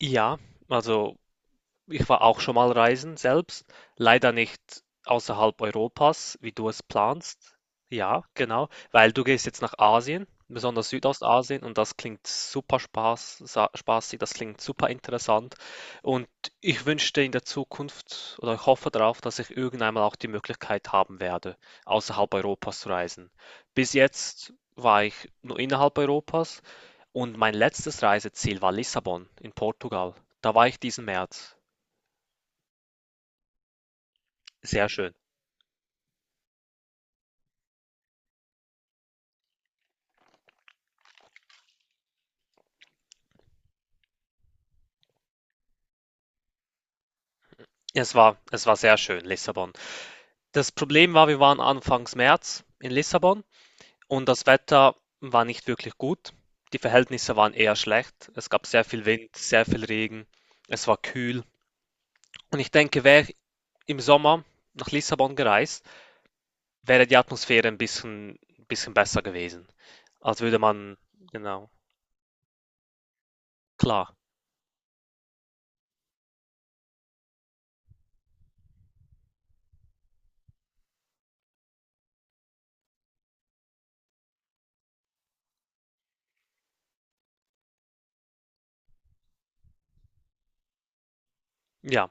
Ja, also ich war auch schon mal reisen selbst, leider nicht außerhalb Europas, wie du es planst. Ja, genau, weil du gehst jetzt nach Asien, besonders Südostasien, und das klingt super Spaß, spaßig, das klingt super interessant. Und ich wünschte in der Zukunft oder ich hoffe darauf, dass ich irgendwann mal auch die Möglichkeit haben werde, außerhalb Europas zu reisen. Bis jetzt war ich nur innerhalb Europas und mein letztes Reiseziel war Lissabon in Portugal. Da war ich diesen März. Sehr schön. Es war sehr schön, Lissabon. Das Problem war, wir waren anfangs März in Lissabon und das Wetter war nicht wirklich gut. Die Verhältnisse waren eher schlecht. Es gab sehr viel Wind, sehr viel Regen. Es war kühl. Und ich denke, wäre ich im Sommer nach Lissabon gereist, wäre die Atmosphäre ein bisschen besser gewesen. Als würde man, genau, klar, ja,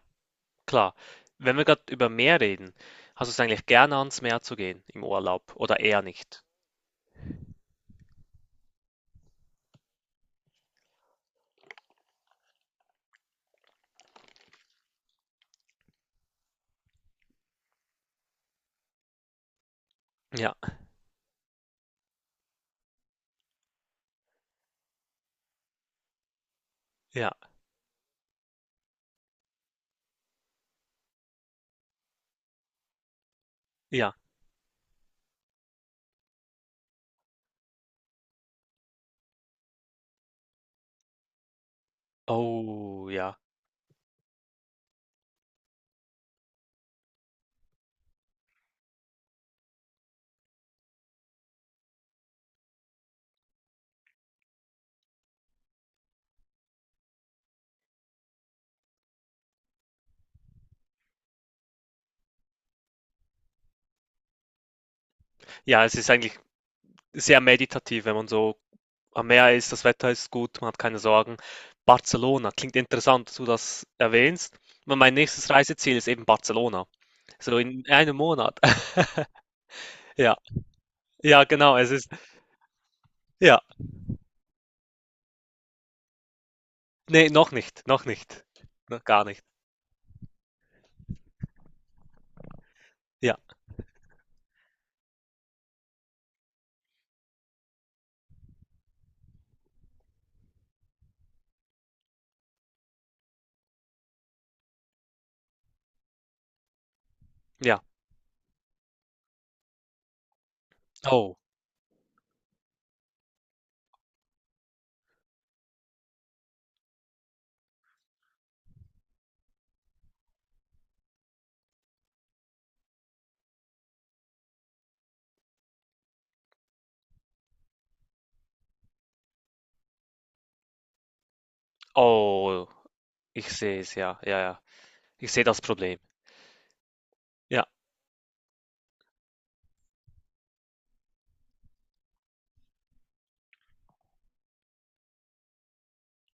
klar. Wenn wir gerade über Meer reden, hast du es eigentlich gerne ans Meer zu gehen im Urlaub oder eher nicht? Ja, ja. Ja. Oh, ja. Ja, es ist eigentlich sehr meditativ, wenn man so am Meer ist, das Wetter ist gut, man hat keine Sorgen. Barcelona, klingt interessant, dass du das erwähnst. Weil mein nächstes Reiseziel ist eben Barcelona. So in 1 Monat. Ja, ja, genau, es ist, ja. Nee, noch nicht, noch nicht. Noch gar nicht. Ja, ja. Oh, oh, ich sehe es, ja, ja, ja. Ich sehe das Problem. Ja,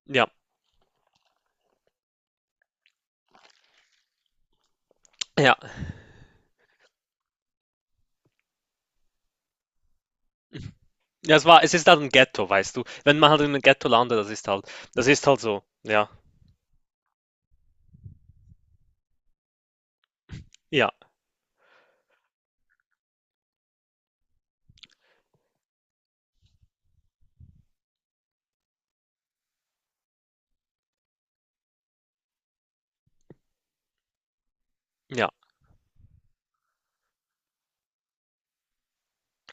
ja, ja. Ja, es war, es ist halt ein Ghetto, weißt du. Wenn man halt in einem Ghetto landet, das ist halt so. Ja, ja, ja,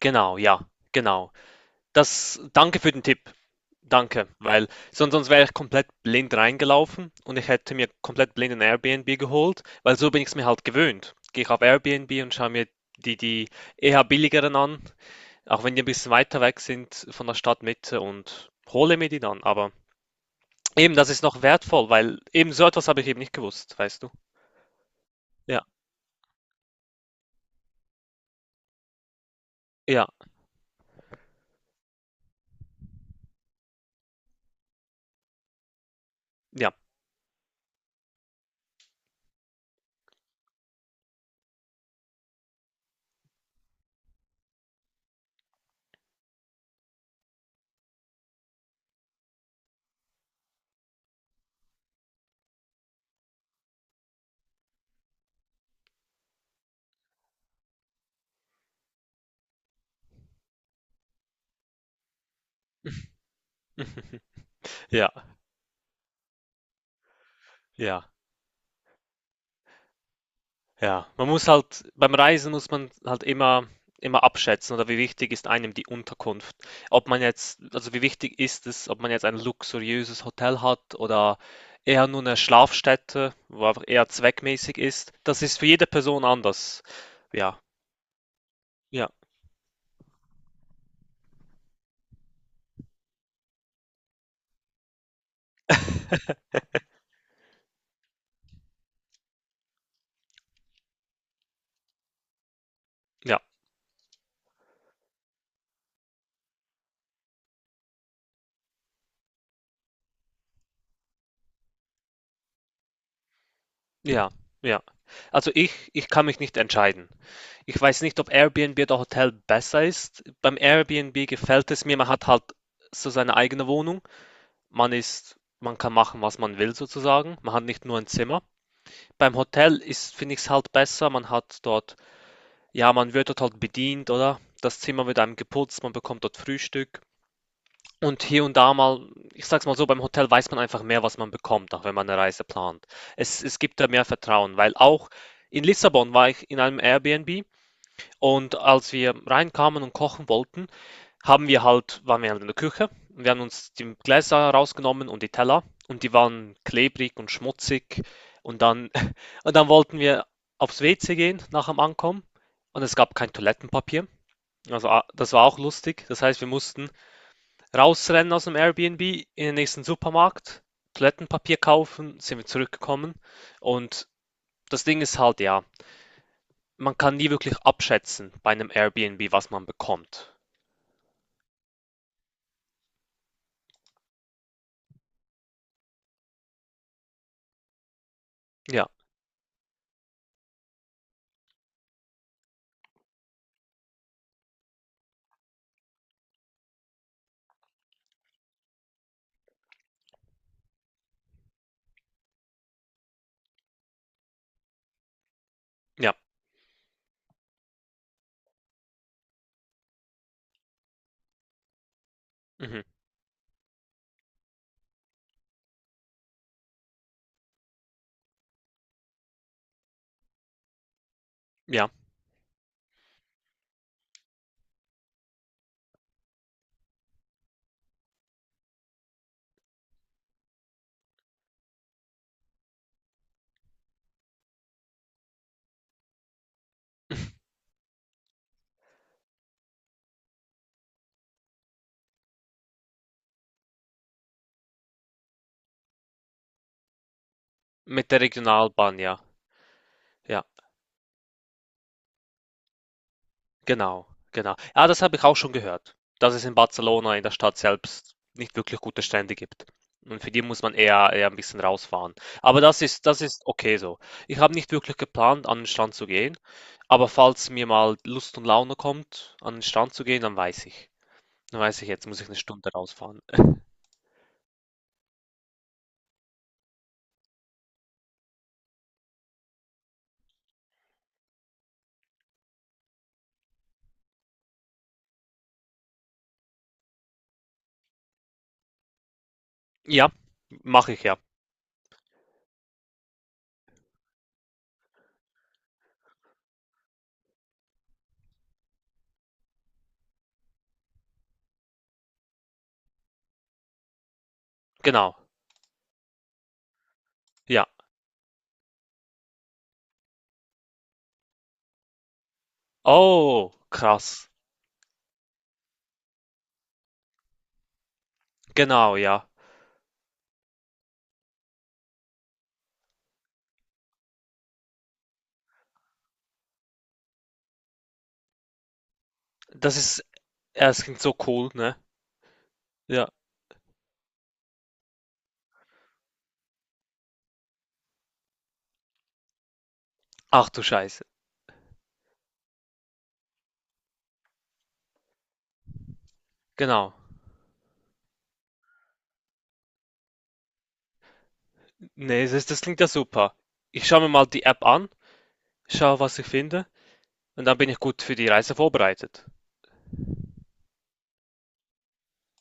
genau, ja, genau. Das, danke für den Tipp. Danke, weil sonst wäre ich komplett blind reingelaufen und ich hätte mir komplett blind ein Airbnb geholt, weil so bin ich es mir halt gewöhnt. Gehe ich auf Airbnb und schaue mir die eher billigeren an, auch wenn die ein bisschen weiter weg sind von der Stadtmitte und hole mir die dann. Aber eben, das ist noch wertvoll, weil eben so etwas habe ich eben nicht gewusst, weißt du? Ja, ja, ja. Ja, ja, ja. Man muss halt beim Reisen muss man halt immer abschätzen oder wie wichtig ist einem die Unterkunft. Ob man jetzt, also wie wichtig ist es, ob man jetzt ein luxuriöses Hotel hat oder eher nur eine Schlafstätte, wo einfach eher zweckmäßig ist. Das ist für jede Person anders. Ja, ja, ja, ja, ja. Also ich kann mich nicht entscheiden. Ich weiß nicht, ob Airbnb oder Hotel besser ist. Beim Airbnb gefällt es mir, man hat halt so seine eigene Wohnung. Man kann machen, was man will sozusagen. Man hat nicht nur ein Zimmer. Beim Hotel ist, finde ich es halt besser. Man hat dort, ja, man wird dort halt bedient, oder? Das Zimmer wird einem geputzt, man bekommt dort Frühstück. Und hier und da mal, ich sag's mal so, beim Hotel weiß man einfach mehr, was man bekommt, auch wenn man eine Reise plant. Es gibt da mehr Vertrauen, weil auch in Lissabon war ich in einem Airbnb und als wir reinkamen und kochen wollten, waren wir halt in der Küche, wir haben uns die Gläser rausgenommen und die Teller und die waren klebrig und schmutzig und dann, und dann wollten wir aufs WC gehen nach dem Ankommen und es gab kein Toilettenpapier. Also ah, das war auch lustig. Das heißt, wir mussten rausrennen aus dem Airbnb in den nächsten Supermarkt, Toilettenpapier kaufen, sind wir zurückgekommen und das Ding ist halt, ja, man kann nie wirklich abschätzen bei einem Airbnb, was man bekommt. Ja, ja, mhm, ja. Mit der Regionalbahn, ja. Ja, genau, genau. Ja, das habe ich auch schon gehört, dass es in Barcelona in der Stadt selbst nicht wirklich gute Strände gibt. Und für die muss man eher ein bisschen rausfahren. Aber das ist okay so. Ich habe nicht wirklich geplant, an den Strand zu gehen. Aber falls mir mal Lust und Laune kommt, an den Strand zu gehen, dann weiß ich. Dann weiß ich, jetzt muss ich 1 Stunde rausfahren. Ja, mache ich ja. Genau. Ja. Oh, krass. Genau, ja. Das ist, ja, es klingt so cool, ne? Ja. Ach du Scheiße. Genau. Ne, das klingt ja super. Ich schaue mir mal die App an, schaue, was ich finde und dann bin ich gut für die Reise vorbereitet.